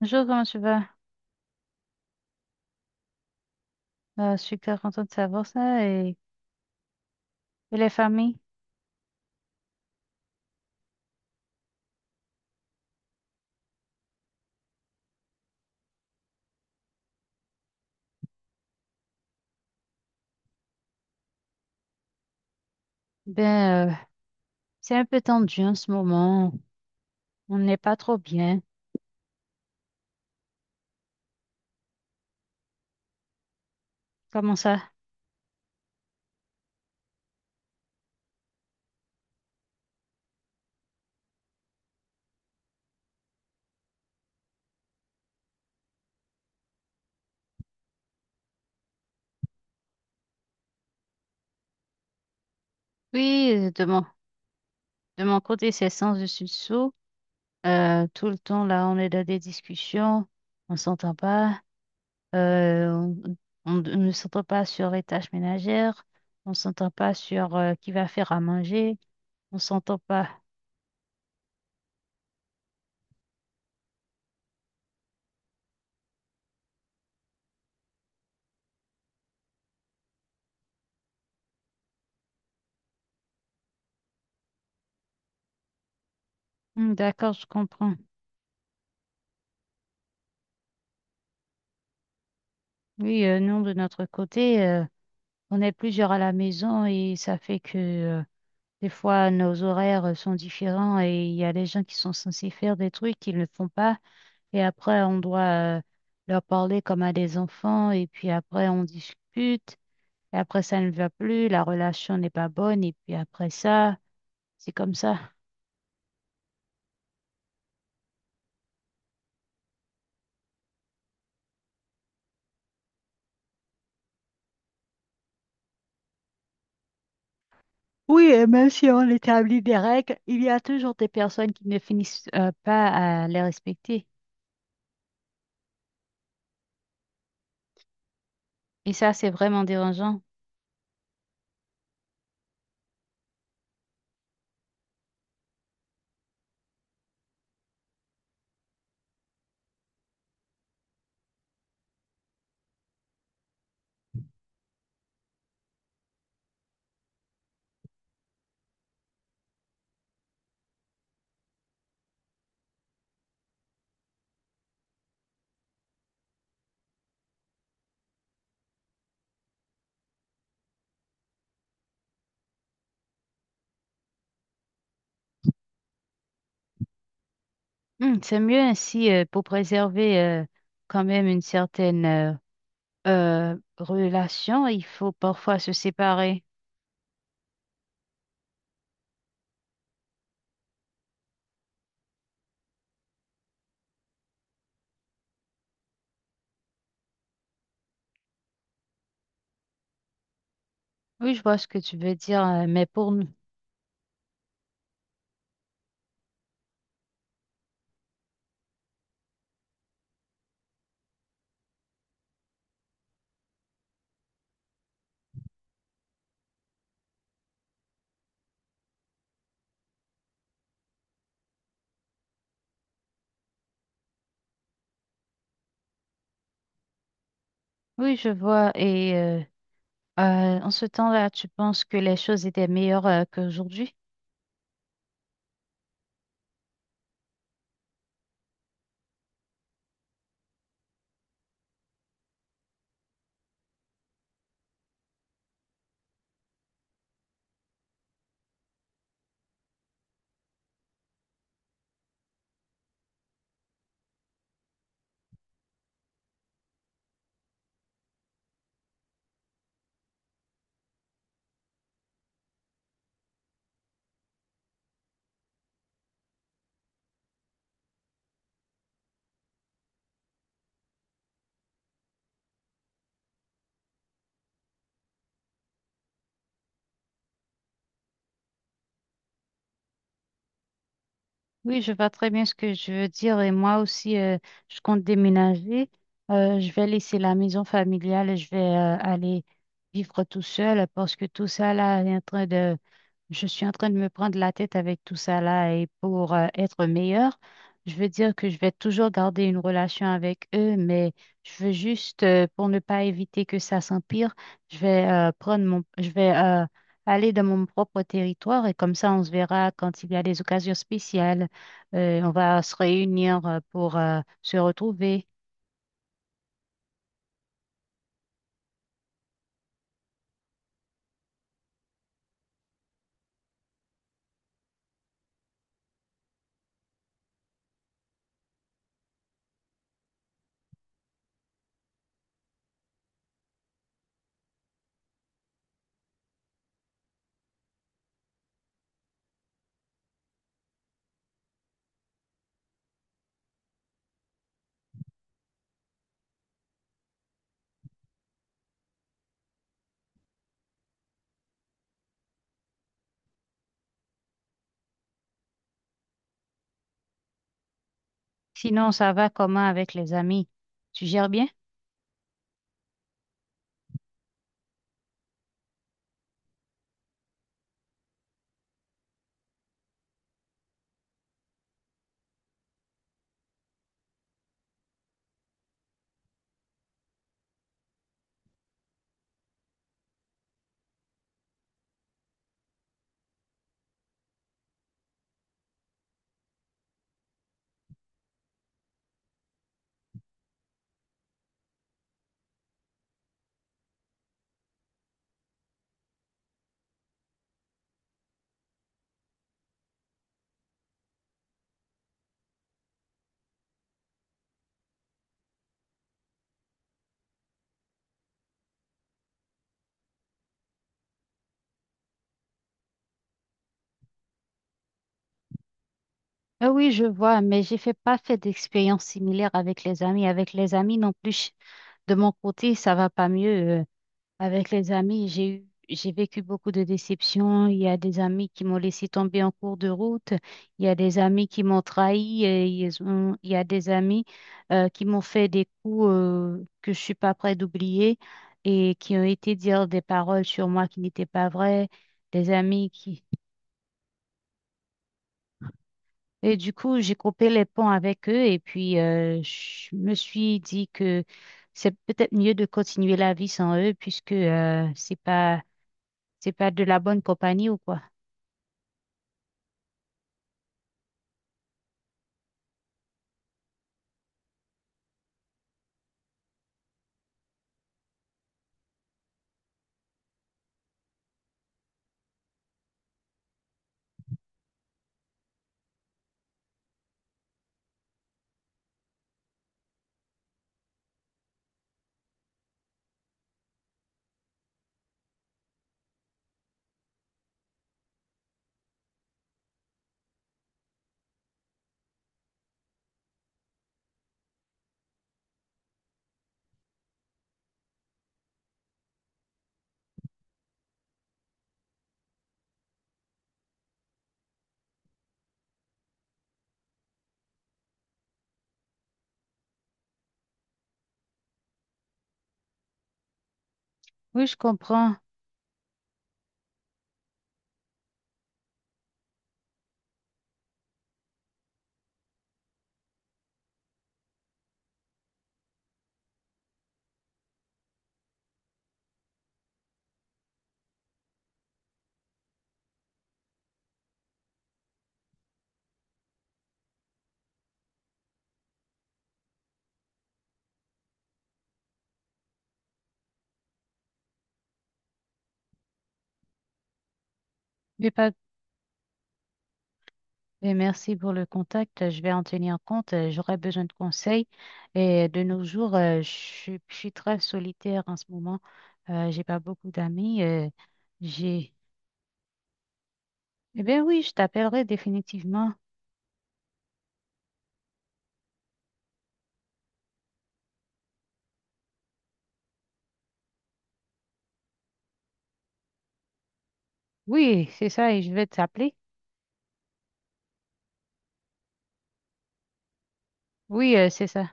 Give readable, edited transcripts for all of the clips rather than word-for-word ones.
Bonjour, comment tu vas? Je suis très contente de savoir ça. Et les familles? Ben, euh, c'est un peu tendu en ce moment. On n'est pas trop bien. Comment ça? Oui, euh, de mon, de mon côté, c'est sens dessus dessous. Tout le temps, là, on est dans des discussions. On s'entend pas. Euh, on, on ne s'entend pas sur les tâches ménagères. On s'entend pas sur qui va faire à manger. On s'entend pas. D'accord, je comprends. Oui, nous, de notre côté, on est plusieurs à la maison et ça fait que des fois nos horaires sont différents et il y a des gens qui sont censés faire des trucs qu'ils ne font pas et après on doit leur parler comme à des enfants et puis après on discute et après ça ne va plus, la relation n'est pas bonne et puis après ça, c'est comme ça. Oui, et même si on établit des règles, il y a toujours des personnes qui ne finissent pas à les respecter. Et ça, c'est vraiment dérangeant. Hmm, c'est mieux ainsi pour préserver quand même une certaine relation. Il faut parfois se séparer. Oui, je vois ce que tu veux dire, mais pour nous, oui, je vois. En ce temps-là, tu penses que les choses étaient meilleures qu'aujourd'hui? Oui, je vois très bien ce que je veux dire et moi aussi, je compte déménager. Je vais laisser la maison familiale et je vais aller vivre tout seul parce que tout ça là est en train de je suis en train de me prendre la tête avec tout ça là et pour être meilleure, je veux dire que je vais toujours garder une relation avec eux, mais je veux juste, pour ne pas éviter que ça s'empire, je vais aller dans mon propre territoire et comme ça on se verra quand il y a des occasions spéciales. On va se réunir pour se retrouver. Sinon, ça va comment avec les amis? Tu gères bien? Ah oui, je vois, mais j'ai fait pas fait d'expérience similaire avec les amis. Avec les amis non plus, de mon côté, ça va pas mieux. Avec les amis, j'ai vécu beaucoup de déceptions. Il y a des amis qui m'ont laissé tomber en cours de route. Il y a des amis qui m'ont trahi. Il y a des amis qui m'ont fait des coups que je suis pas prête d'oublier et qui ont été dire des paroles sur moi qui n'étaient pas vraies. Des amis qui Et du coup, j'ai coupé les ponts avec eux et puis je me suis dit que c'est peut-être mieux de continuer la vie sans eux puisque c'est pas de la bonne compagnie ou quoi. Oui, je comprends. Mais pas mais merci pour le contact. Je vais en tenir compte. J'aurai besoin de conseils. Et de nos jours, je suis très solitaire en ce moment. J'ai pas beaucoup d'amis. J'ai Eh bien oui, je t'appellerai définitivement. Oui, c'est ça et je vais t'appeler. Oui, c'est ça.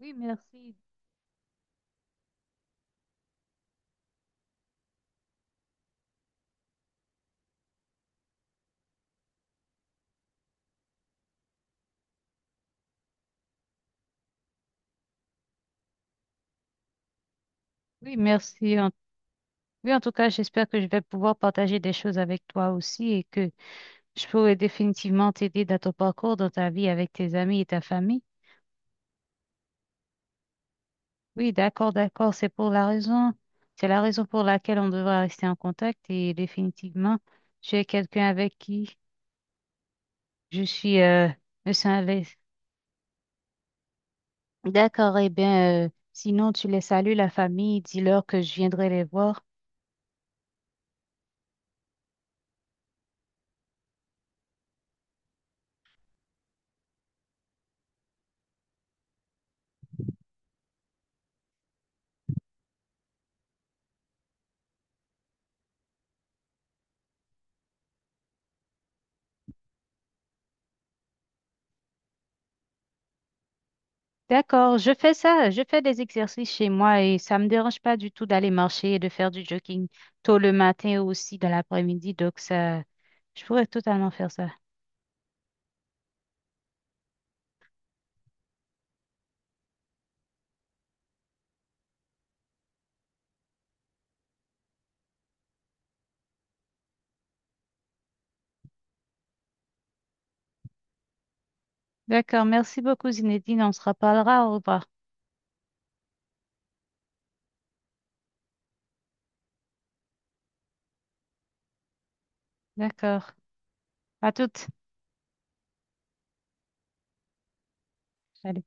Oui, merci. Oui, merci. En- Oui, en tout cas, j'espère que je vais pouvoir partager des choses avec toi aussi et que je pourrai définitivement t'aider dans ton parcours, dans ta vie avec tes amis et ta famille. Oui, d'accord, d'accord. C'est la raison pour laquelle on devra rester en contact et définitivement, tu es quelqu'un avec qui je suis, euh, me sens à l'aise. D'accord, eh bien, sinon, tu les salues, la famille, dis-leur que je viendrai les voir. D'accord, je fais ça, je fais des exercices chez moi et ça me dérange pas du tout d'aller marcher et de faire du jogging tôt le matin et aussi dans l'après-midi. Donc ça, je pourrais totalement faire ça. D'accord, merci beaucoup Zinedine, on se reparlera, au revoir. D'accord, à toutes. Salut.